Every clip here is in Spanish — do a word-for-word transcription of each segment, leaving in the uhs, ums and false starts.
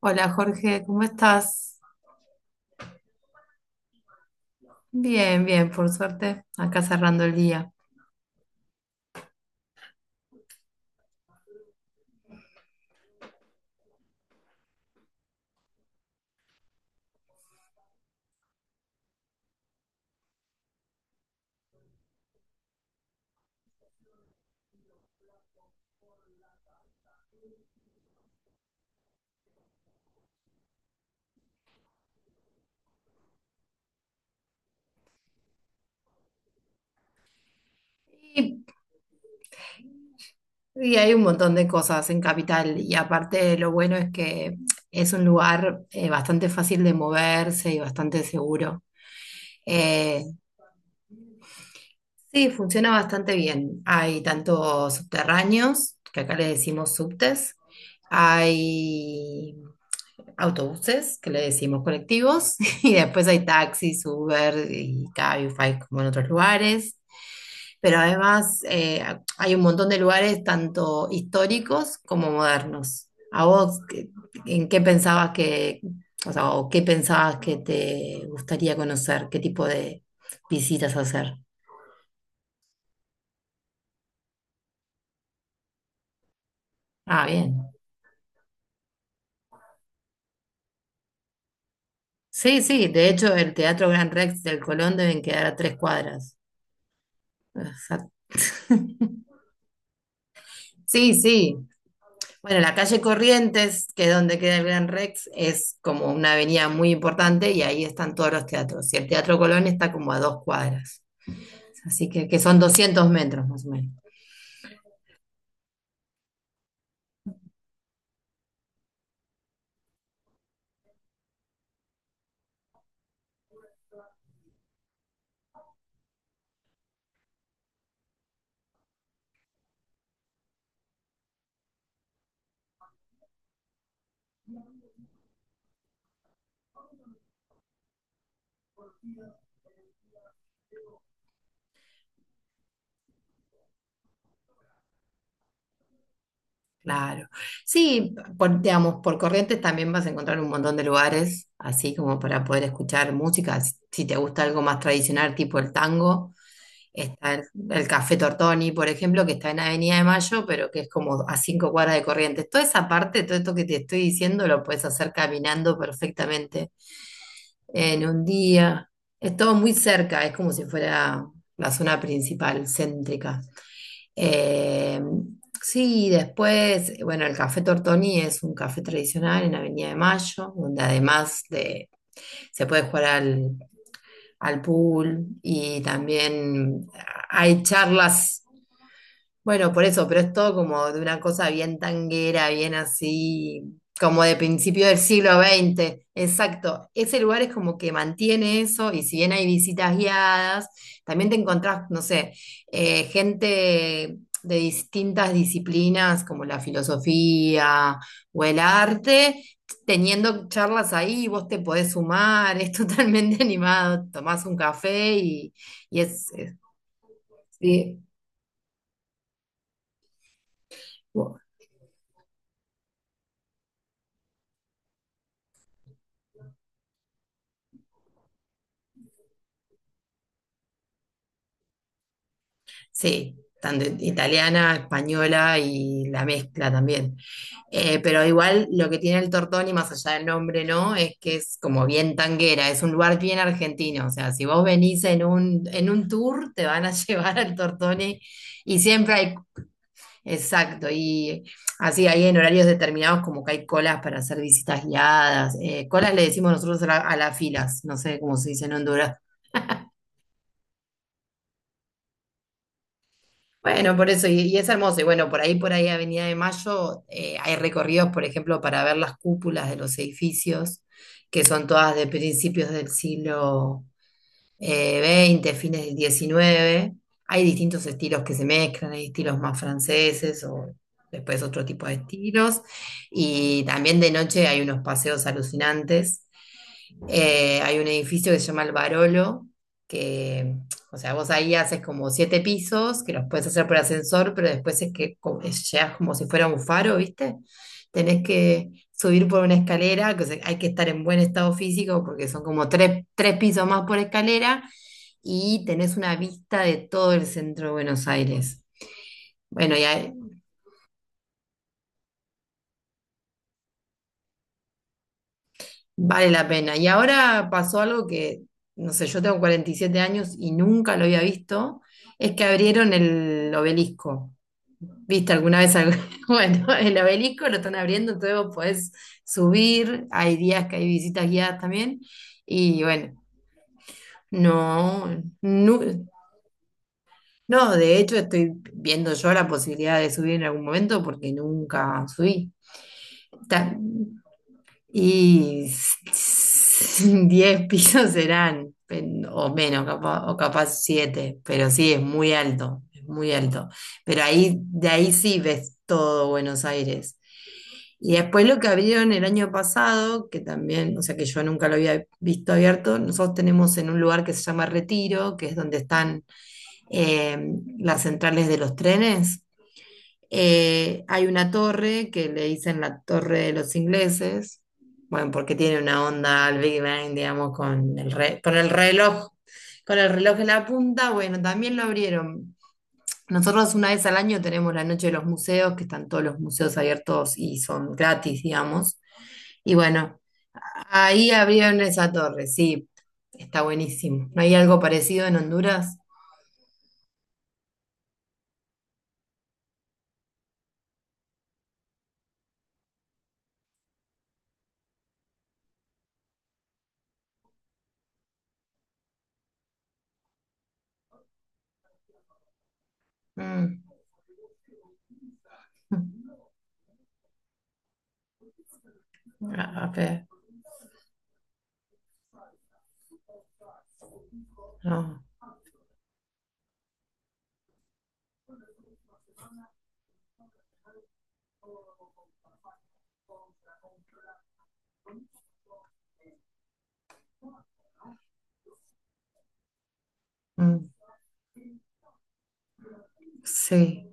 Hola Jorge, ¿cómo estás? Bien, bien, por suerte, acá cerrando el día. Y, y hay un montón de cosas en Capital y aparte lo bueno es que es un lugar eh, bastante fácil de moverse y bastante seguro. Eh, sí, funciona bastante bien. Hay tanto subterráneos, que acá le decimos subtes, hay autobuses, que le decimos colectivos, y después hay taxis, Uber y Cabify como en otros lugares. Pero además eh, hay un montón de lugares tanto históricos como modernos. ¿A vos qué- en qué pensabas que, o sea, o qué pensabas que te gustaría conocer? ¿Qué tipo de visitas hacer? Ah, bien. Sí, sí, de hecho el Teatro Gran Rex del Colón deben quedar a tres cuadras. Exacto. Sí, sí. Bueno, la calle Corrientes, que es donde queda el Gran Rex, es como una avenida muy importante y ahí están todos los teatros. Y el Teatro Colón está como a dos cuadras, así que, que son doscientos metros más o menos. Claro. Sí, por, digamos, por Corrientes también vas a encontrar un montón de lugares, así como para poder escuchar música. Si si te gusta algo más tradicional, tipo el tango, está el, el Café Tortoni, por ejemplo, que está en Avenida de Mayo, pero que es como a cinco cuadras de Corrientes. Toda esa parte, todo esto que te estoy diciendo, lo puedes hacer caminando perfectamente en un día. Es todo muy cerca, es como si fuera la zona principal, céntrica. Eh, sí, después, bueno, el Café Tortoni es un café tradicional en Avenida de Mayo, donde además de, se puede jugar al, al pool y también hay charlas, bueno, por eso, pero es todo como de una cosa bien tanguera, bien así, como de principio del siglo veinte. Exacto. Ese lugar es como que mantiene eso, y si bien hay visitas guiadas, también te encontrás, no sé, eh, gente de distintas disciplinas como la filosofía o el arte, teniendo charlas ahí, vos te podés sumar, es totalmente animado, tomás un café y, y es, es- sí. Sí, tanto italiana, española y la mezcla también. Eh, pero igual lo que tiene el Tortoni, más allá del nombre, ¿no? Es que es como bien tanguera, es un lugar bien argentino. O sea, si vos venís en un, en un tour, te van a llevar al Tortoni y siempre hay, exacto, y así hay en horarios determinados como que hay colas para hacer visitas guiadas. Eh, colas le decimos nosotros a, la- a las filas, no sé cómo se dice en Honduras. Bueno, por eso, y, y es hermoso. Y bueno, por ahí, por ahí, Avenida de Mayo, eh, hay recorridos, por ejemplo, para ver las cúpulas de los edificios, que son todas de principios del siglo eh, veinte, fines del diecinueve. Hay distintos estilos que se mezclan, hay estilos más franceses o después otro tipo de estilos. Y también de noche hay unos paseos alucinantes. Eh, hay un edificio que se llama El Barolo, que, o sea, vos ahí haces como siete pisos, que los puedes hacer por ascensor, pero después es que co- es- llegas como si fuera un faro, ¿viste? Tenés que subir por una escalera, que, o sea, hay que estar en buen estado físico porque son como tres, tres pisos más por escalera y tenés una vista de todo el centro de Buenos Aires. Bueno, y hay- vale la pena. Y ahora pasó algo que, no sé, yo tengo cuarenta y siete años y nunca lo había visto, es que abrieron el obelisco. ¿Viste alguna vez algo? Bueno, el obelisco lo están abriendo, entonces vos podés subir, hay días que hay visitas guiadas también, y bueno, no, no, no, de hecho estoy viendo yo la posibilidad de subir en algún momento porque nunca subí. Y diez pisos serán, pen- o menos, capa- o capaz siete, pero sí, es muy alto, es muy alto. Pero ahí, de ahí sí ves todo Buenos Aires. Y después lo que abrieron el año pasado, que también, o sea que yo nunca lo había visto abierto, nosotros tenemos en un lugar que se llama Retiro, que es donde están eh, las centrales de los trenes. Eh, hay una torre que le dicen la torre de los ingleses, bueno, porque tiene una onda al Big Bang, digamos, con el, re- con el reloj, con el reloj en la punta, bueno, también lo abrieron. Nosotros una vez al año tenemos la noche de los museos, que están todos los museos abiertos y son gratis, digamos. Y bueno, ahí abrieron esa torre, sí, está buenísimo. ¿No hay algo parecido en Honduras? Mm. Ah, a ver, no. Mm, sí.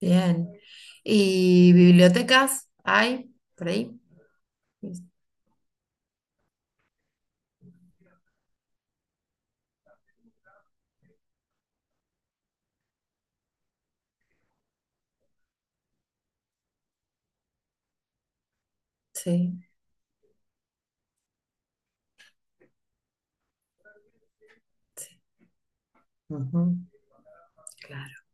Bien. ¿Y bibliotecas hay por ahí? Sí. Ujú, claro.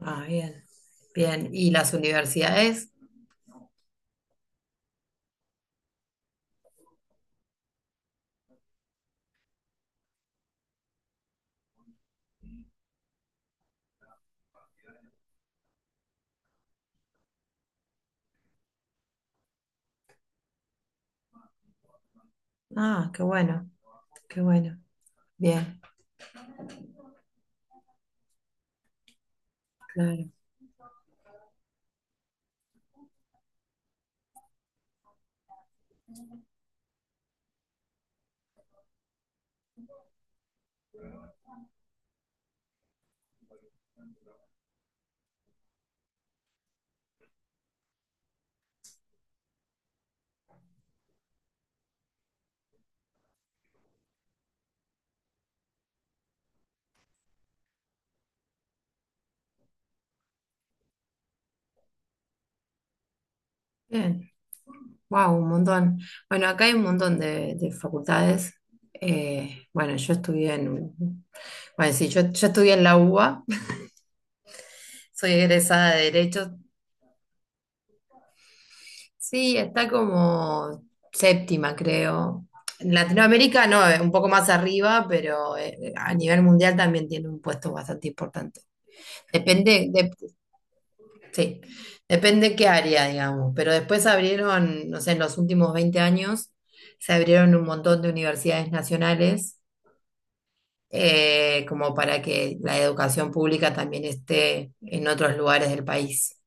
Ah, bien. Bien. ¿Y las universidades? Ah, qué bueno, qué bueno. Bien, claro. Bien. Wow, un montón. Bueno, acá hay un montón de, de facultades. Eh, bueno, yo estudié en... Bueno, sí, yo, yo estudié en la UBA. Soy egresada de Derecho. Sí, está como séptima, creo. En Latinoamérica no, eh, un poco más arriba, pero eh, a nivel mundial también tiene un puesto bastante importante. Depende, de, sí, depende qué área, digamos. Pero después abrieron, no sé, en los últimos veinte años se abrieron un montón de universidades nacionales, eh, como para que la educación pública también esté en otros lugares del país.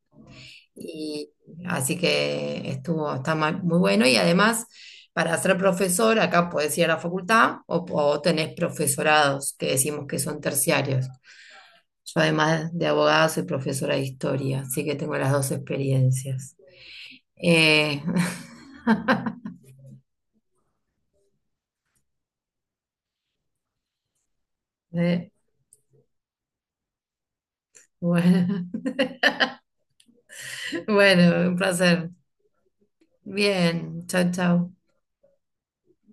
Y así que estuvo, está ma- muy bueno. Y además, para ser profesor, acá podés ir a la facultad o, o tenés profesorados, que decimos que son terciarios. Yo además de abogada soy profesora de historia, así que tengo las dos experiencias. Eh, eh, bueno, bueno, un placer. Bien, chao, chao.